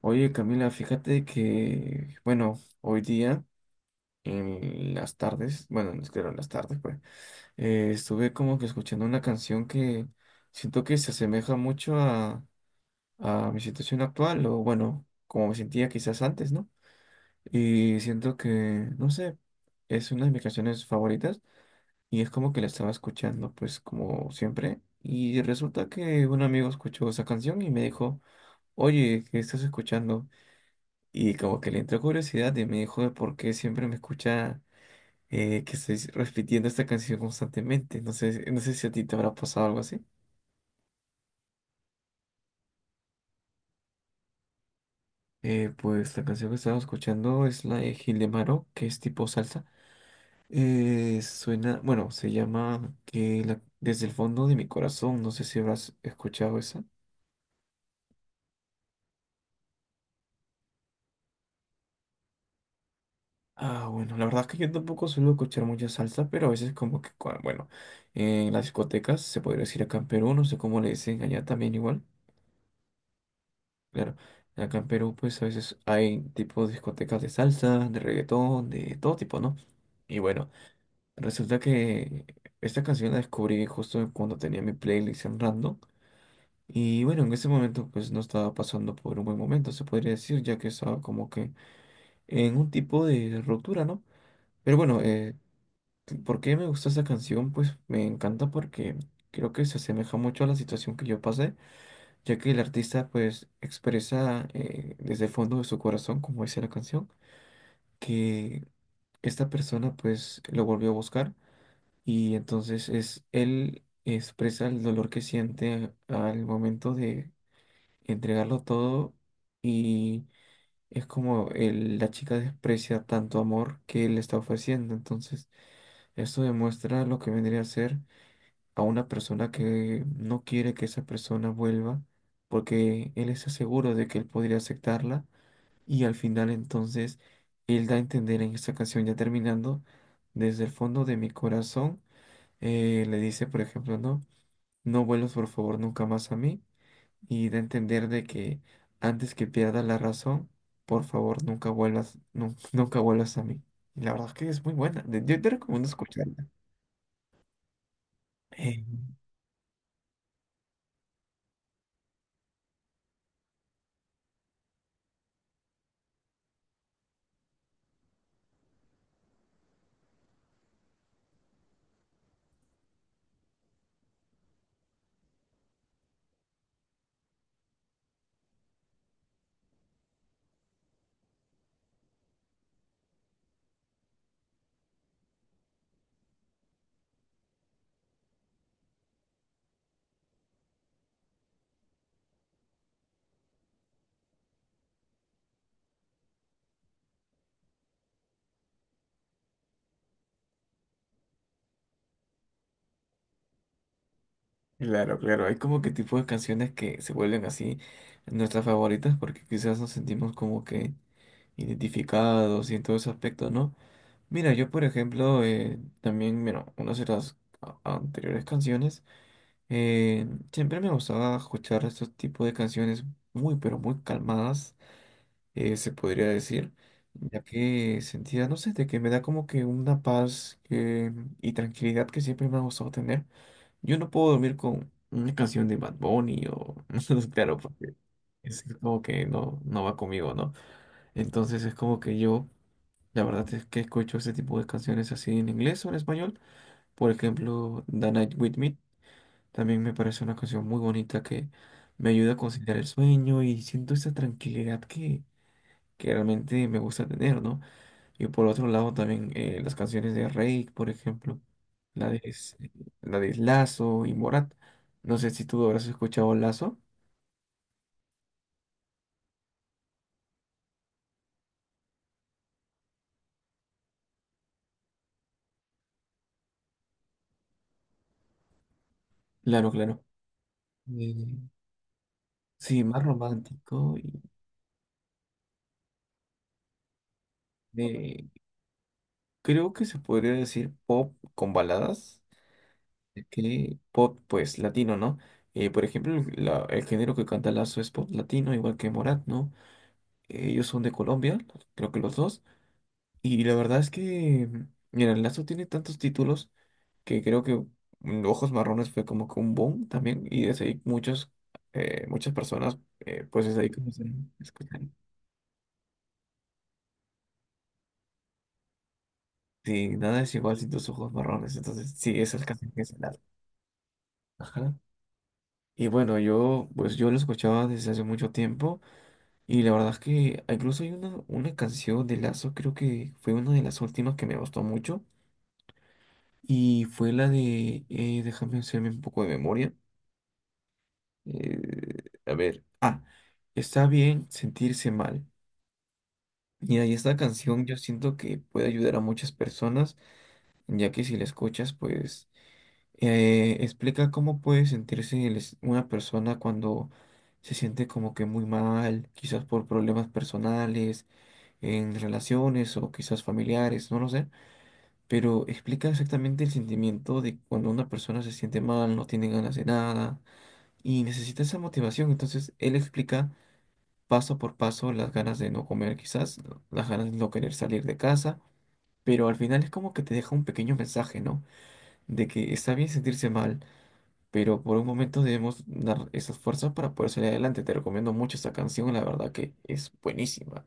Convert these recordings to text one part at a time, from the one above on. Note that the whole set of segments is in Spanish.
Oye, Camila, fíjate que, bueno, hoy día en las tardes, bueno, no es que en las tardes, pues, estuve como que escuchando una canción que siento que se asemeja mucho a mi situación actual, o bueno, como me sentía quizás antes, ¿no? Y siento que, no sé, es una de mis canciones favoritas y es como que la estaba escuchando, pues, como siempre. Y resulta que un amigo escuchó esa canción y me dijo, oye, ¿qué estás escuchando? Y como que le entró curiosidad y me dijo de por qué siempre me escucha que estoy repitiendo esta canción constantemente. No sé, si a ti te habrá pasado algo así. Pues la canción que estaba escuchando es la de Gil de Maro, que es tipo salsa. Suena, bueno, se llama Desde el fondo de mi corazón. No sé si habrás escuchado esa. Ah, bueno, la verdad es que yo tampoco suelo escuchar mucha salsa, pero a veces como que, bueno, en las discotecas, se podría decir acá en Perú, no sé cómo le dicen allá también igual. Claro, acá en Perú pues a veces hay tipo discotecas de salsa, de reggaetón, de todo tipo, ¿no? Y bueno, resulta que esta canción la descubrí justo cuando tenía mi playlist en random. Y bueno, en ese momento pues no estaba pasando por un buen momento, se podría decir, ya que estaba como que en un tipo de ruptura, ¿no? Pero bueno, ¿por qué me gusta esa canción? Pues me encanta porque creo que se asemeja mucho a la situación que yo pasé ya que el artista pues expresa desde el fondo de su corazón, como dice la canción, que esta persona pues lo volvió a buscar y entonces es él expresa el dolor que siente al momento de entregarlo todo y es como la chica desprecia tanto amor que él le está ofreciendo, entonces esto demuestra lo que vendría a ser a una persona que no quiere que esa persona vuelva porque él está seguro de que él podría aceptarla y al final entonces él da a entender en esta canción ya terminando desde el fondo de mi corazón le dice por ejemplo no vuelvas por favor nunca más a mí y da a entender de que antes que pierda la razón por favor nunca vuelvas nunca vuelvas a mí y la verdad es que es muy buena yo te recomiendo escucharla. Claro, claro, hay como que tipos de canciones que se vuelven así nuestras favoritas porque quizás nos sentimos como que identificados y en todo ese aspecto, ¿no? Mira, yo por ejemplo, también, bueno, unas de las anteriores canciones, eh, siempre me gustaba escuchar estos tipos de canciones muy, pero muy calmadas, se podría decir, ya que sentía, no sé, de que me da como que una paz y tranquilidad que siempre me ha gustado tener. Yo no puedo dormir con una canción de Bad Bunny o, claro, porque es como que no, no va conmigo, ¿no? Entonces es como que yo, la verdad es que escucho ese tipo de canciones así en inglés o en español. Por ejemplo, The Night With Me también me parece una canción muy bonita que me ayuda a conciliar el sueño y siento esa tranquilidad que realmente me gusta tener, ¿no? Y por otro lado también las canciones de Reik, por ejemplo, la la de Lazo y Morat. No sé si tú habrás escuchado Lazo. Claro, claro. Eh, sí, más romántico y de- creo que se podría decir pop con baladas, ya que pop pues latino, ¿no? Por ejemplo, el el género que canta Lazo es pop latino, igual que Morat, ¿no? Ellos son de Colombia, creo que los dos. Y la verdad es que, mira, el Lazo tiene tantos títulos que creo que Ojos Marrones fue como que un boom también. Y desde ahí muchos, muchas personas, pues desde ahí comenzaron a escuchar. Sí, nada es igual sin tus ojos marrones. Entonces, sí, esa es casi que es el Lazo. Ajá. Y bueno, yo, pues yo lo escuchaba desde hace mucho tiempo. Y la verdad es que incluso hay una canción de Lazo, creo que fue una de las últimas que me gustó mucho. Y fue la de, déjame hacerme un poco de memoria. A ver, ah, está bien sentirse mal. Mira, y esta canción yo siento que puede ayudar a muchas personas, ya que si la escuchas, pues explica cómo puede sentirse una persona cuando se siente como que muy mal, quizás por problemas personales, en relaciones o quizás familiares, no lo sé, pero explica exactamente el sentimiento de cuando una persona se siente mal, no tiene ganas de nada y necesita esa motivación. Entonces, él explica paso por paso las ganas de no comer quizás, las ganas de no querer salir de casa, pero al final es como que te deja un pequeño mensaje, ¿no? De que está bien sentirse mal, pero por un momento debemos dar esas fuerzas para poder salir adelante. Te recomiendo mucho esta canción, la verdad que es buenísima.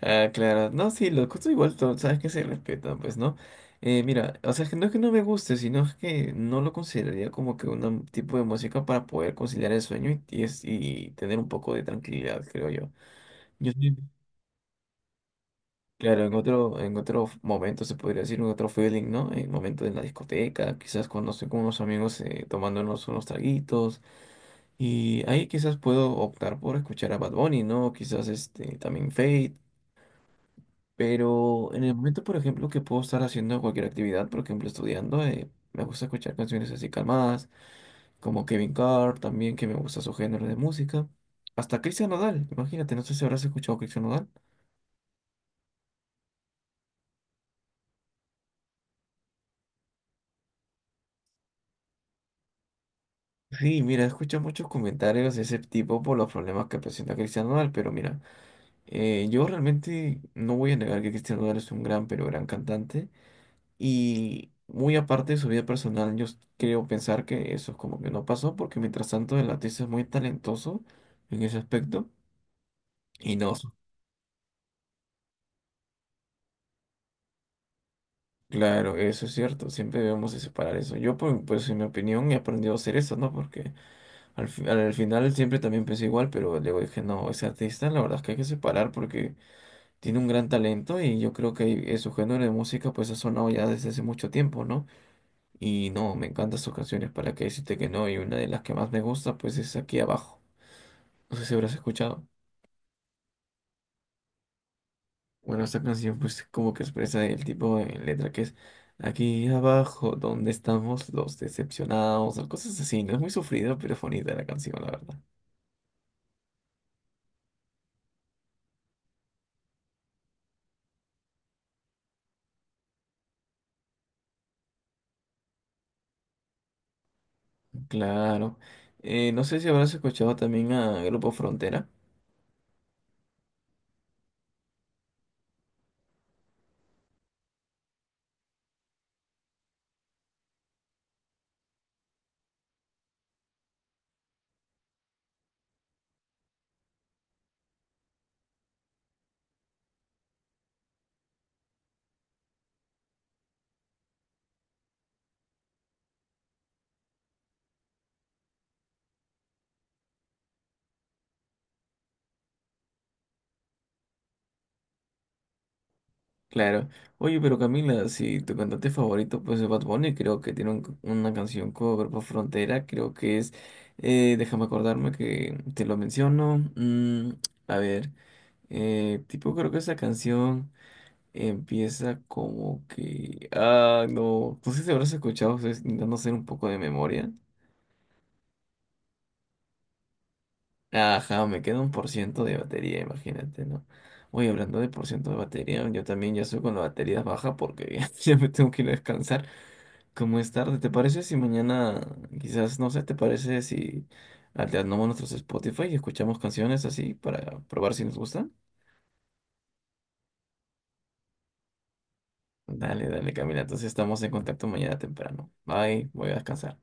Ah, claro, no, sí, los gustos igual, sabes que se respetan, pues, ¿no? Mira, o sea, es que no me guste, sino es que no lo consideraría como que un tipo de música para poder conciliar el sueño y y tener un poco de tranquilidad, creo yo. Yo soy claro, en otro momento se podría decir, en otro feeling, ¿no? En momento en la discoteca, quizás cuando estoy con unos amigos tomándonos unos traguitos. Y ahí quizás puedo optar por escuchar a Bad Bunny, ¿no? Quizás este, también Fate. Pero en el momento, por ejemplo, que puedo estar haciendo cualquier actividad, por ejemplo, estudiando, me gusta escuchar canciones así calmadas, como Kevin Carr, también que me gusta su género de música. Hasta Cristian Nodal, imagínate, no sé si habrás escuchado a Cristian Nodal. Sí, mira, escucho muchos comentarios de ese tipo por los problemas que presenta Cristian Nodal, pero mira, yo realmente no voy a negar que Cristian Nodal es un gran, pero gran cantante, y muy aparte de su vida personal, creo pensar que eso es como que no pasó, porque mientras tanto el artista es muy talentoso en ese aspecto, y no, claro, eso es cierto, siempre debemos de separar eso. Yo, pues, en mi opinión, he aprendido a hacer eso, ¿no? Porque al final siempre también pensé igual, pero luego dije, no, ese artista la verdad es que hay que separar porque tiene un gran talento y yo creo que su género de música pues ha sonado ya desde hace mucho tiempo, ¿no? Y no, me encantan sus canciones, ¿para qué decirte que no? Y una de las que más me gusta pues es Aquí Abajo. No sé si habrás escuchado. Bueno, esta canción pues como que expresa el tipo de letra que es aquí abajo, donde estamos los decepcionados, o cosas así, ¿no? Es muy sufrido, pero es bonita la canción, la verdad. Claro. No sé si habrás escuchado también a Grupo Frontera. Claro. Oye, pero Camila, si tu cantante favorito pues es Bad Bunny, creo que tiene una canción cover por Frontera, creo que es, déjame acordarme que te lo menciono. A ver, tipo creo que esa canción empieza como que... Ah, no, no sé si habrás escuchado, estoy intentando hacer un poco de memoria. Ajá, me queda 1% de batería, imagínate, ¿no? Oye, hablando de por ciento de batería, yo también ya soy con la batería baja porque ya me tengo que ir a descansar. Como es tarde, ¿te parece si mañana, quizás, no sé, ¿te parece si alternamos nuestros Spotify y escuchamos canciones así para probar si nos gustan? Dale, dale, Camila. Entonces estamos en contacto mañana temprano. Bye, voy a descansar.